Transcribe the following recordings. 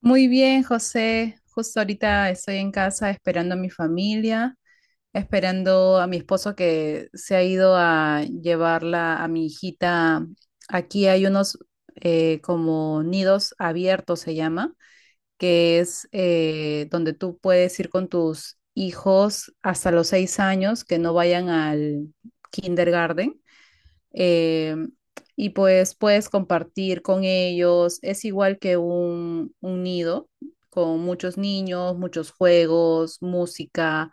Muy bien, José. Justo ahorita estoy en casa esperando a mi familia, esperando a mi esposo que se ha ido a llevarla a mi hijita. Aquí hay unos como nidos abiertos, se llama, que es donde tú puedes ir con tus hijos hasta los 6 años que no vayan al kindergarten, eh, y pues puedes compartir con ellos. Es igual que un nido con muchos niños, muchos juegos, música,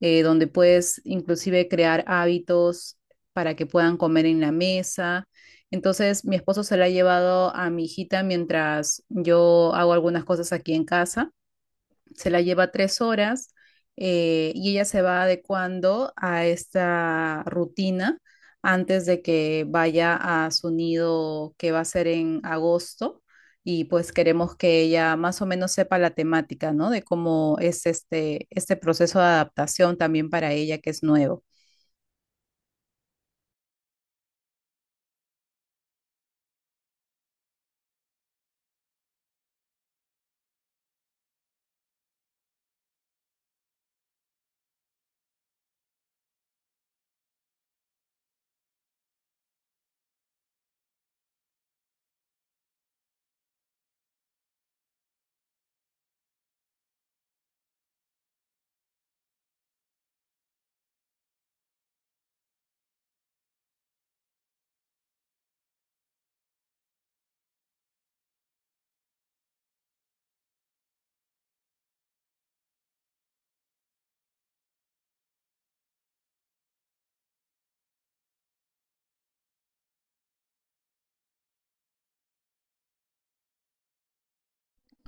donde puedes inclusive crear hábitos para que puedan comer en la mesa. Entonces, mi esposo se la ha llevado a mi hijita mientras yo hago algunas cosas aquí en casa. Se la lleva 3 horas, y ella se va adecuando a esta rutina antes de que vaya a su nido, que va a ser en agosto, y pues queremos que ella más o menos sepa la temática, ¿no? De cómo es este proceso de adaptación también para ella, que es nuevo.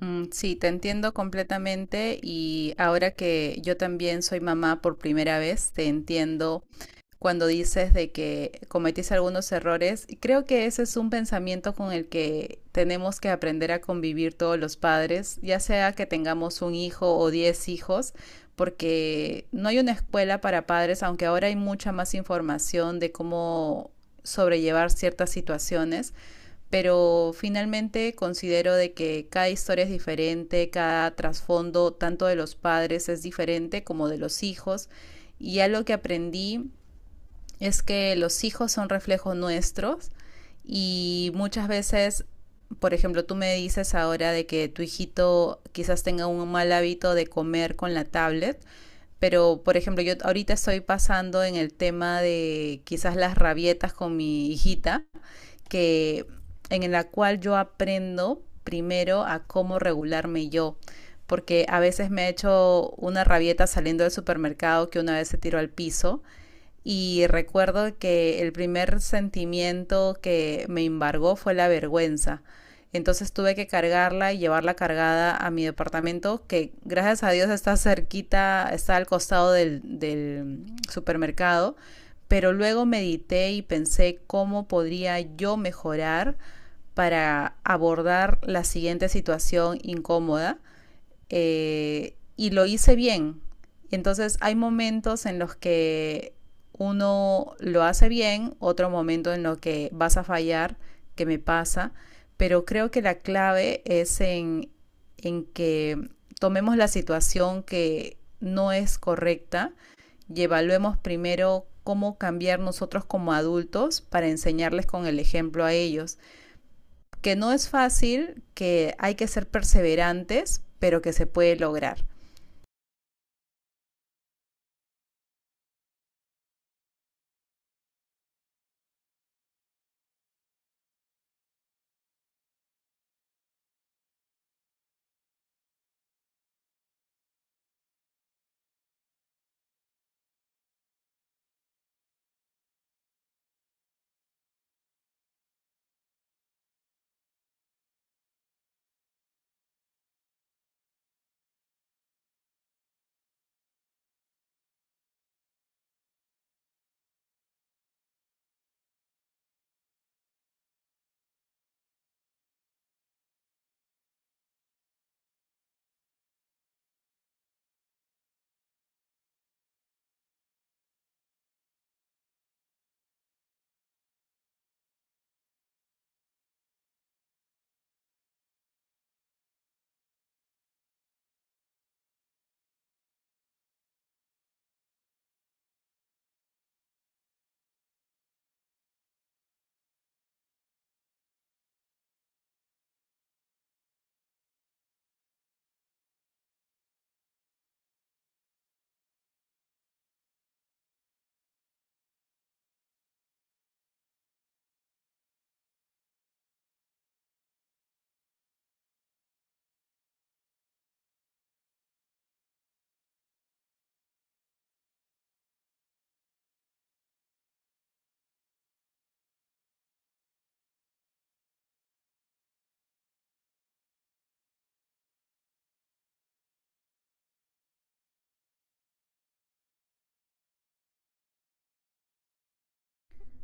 Mm, sí, te entiendo completamente y ahora que yo también soy mamá por primera vez, te entiendo cuando dices de que cometiste algunos errores. Y creo que ese es un pensamiento con el que tenemos que aprender a convivir todos los padres, ya sea que tengamos un hijo o 10 hijos, porque no hay una escuela para padres, aunque ahora hay mucha más información de cómo sobrellevar ciertas situaciones, pero finalmente considero de que cada historia es diferente, cada trasfondo tanto de los padres es diferente como de los hijos, y ya lo que aprendí es que los hijos son reflejos nuestros y muchas veces, por ejemplo, tú me dices ahora de que tu hijito quizás tenga un mal hábito de comer con la tablet, pero por ejemplo, yo ahorita estoy pasando en el tema de quizás las rabietas con mi hijita, que en la cual yo aprendo primero a cómo regularme yo, porque a veces me he hecho una rabieta saliendo del supermercado, que una vez se tiró al piso y recuerdo que el primer sentimiento que me embargó fue la vergüenza. Entonces tuve que cargarla y llevarla cargada a mi departamento, que gracias a Dios está cerquita, está al costado del supermercado. Pero luego medité y pensé cómo podría yo mejorar para abordar la siguiente situación incómoda, y lo hice bien. Entonces hay momentos en los que uno lo hace bien, otro momento en lo que vas a fallar, que me pasa, pero creo que la clave es en que tomemos la situación que no es correcta y evaluemos primero cómo cambiar nosotros como adultos para enseñarles con el ejemplo a ellos, que no es fácil, que hay que ser perseverantes, pero que se puede lograr.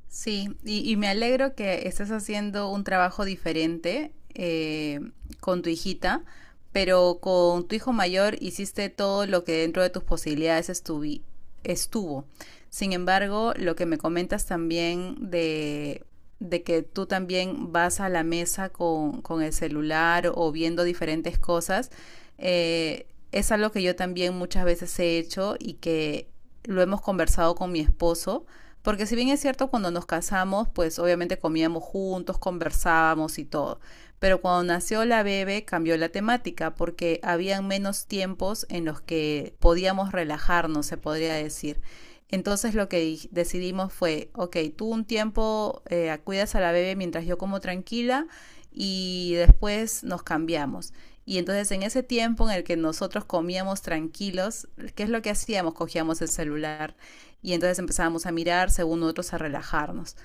Sí, y me alegro que estés haciendo un trabajo diferente, con tu hijita, pero con tu hijo mayor hiciste todo lo que dentro de tus posibilidades estuvo. Sin embargo, lo que me comentas también de que tú también vas a la mesa con el celular o viendo diferentes cosas, eh, es algo que yo también muchas veces he hecho y que lo hemos conversado con mi esposo, porque si bien es cierto, cuando nos casamos, pues obviamente comíamos juntos, conversábamos y todo. Pero cuando nació la bebé cambió la temática porque habían menos tiempos en los que podíamos relajarnos, se podría decir. Entonces lo que decidimos fue, ok, tú un tiempo cuidas a la bebé mientras yo como tranquila y después nos cambiamos. Y entonces en ese tiempo en el que nosotros comíamos tranquilos, ¿qué es lo que hacíamos? Cogíamos el celular, y entonces empezábamos a mirar, según otros, a relajarnos.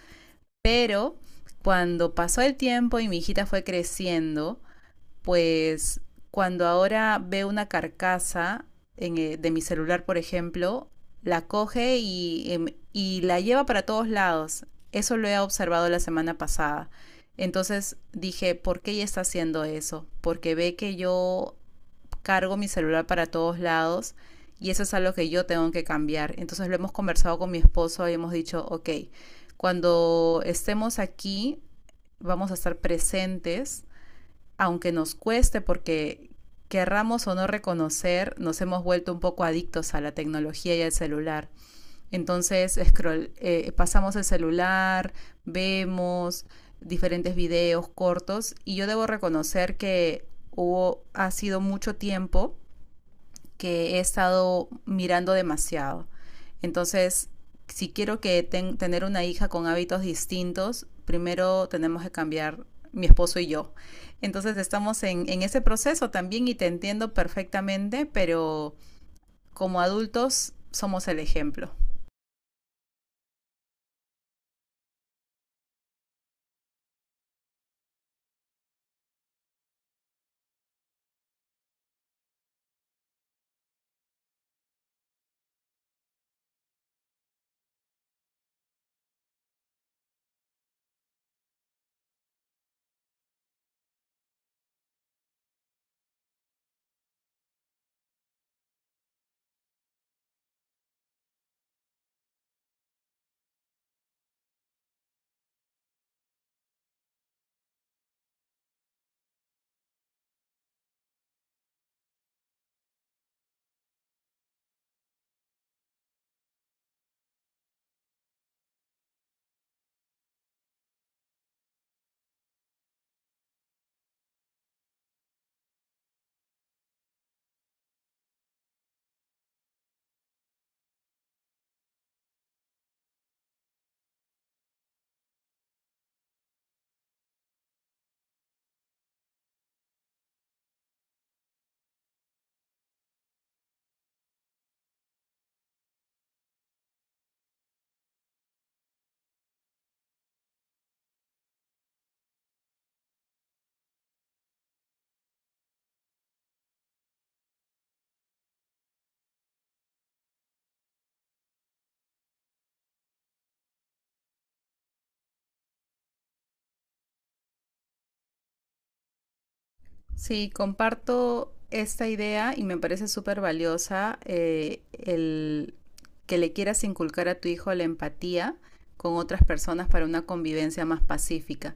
Pero cuando pasó el tiempo y mi hijita fue creciendo, pues cuando ahora ve una carcasa en, de mi celular, por ejemplo, la coge y, y la lleva para todos lados. Eso lo he observado la semana pasada. Entonces dije, ¿por qué ella está haciendo eso? Porque ve que yo cargo mi celular para todos lados y eso es algo que yo tengo que cambiar. Entonces lo hemos conversado con mi esposo y hemos dicho, ok, cuando estemos aquí vamos a estar presentes, aunque nos cueste, porque querramos o no reconocer, nos hemos vuelto un poco adictos a la tecnología y al celular. Entonces scroll, pasamos el celular, vemos diferentes videos cortos y yo debo reconocer que hubo, ha sido mucho tiempo que he estado mirando demasiado. Entonces, si quiero que tener una hija con hábitos distintos, primero tenemos que cambiar mi esposo y yo. Entonces estamos en ese proceso también y te entiendo perfectamente, pero como adultos somos el ejemplo. Sí, comparto esta idea y me parece súper valiosa, el que le quieras inculcar a tu hijo la empatía con otras personas para una convivencia más pacífica.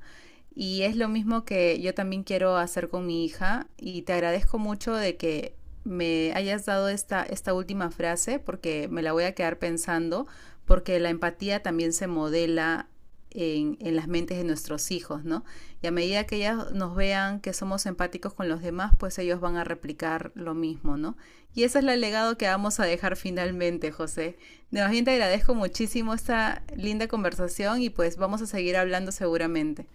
Y es lo mismo que yo también quiero hacer con mi hija y te agradezco mucho de que me hayas dado esta última frase porque me la voy a quedar pensando, porque la empatía también se modela las mentes de nuestros hijos, ¿no? Y a medida que ellas nos vean que somos empáticos con los demás, pues ellos van a replicar lo mismo, ¿no? Y ese es el legado que vamos a dejar finalmente, José. De más bien, te agradezco muchísimo esta linda conversación y pues vamos a seguir hablando seguramente.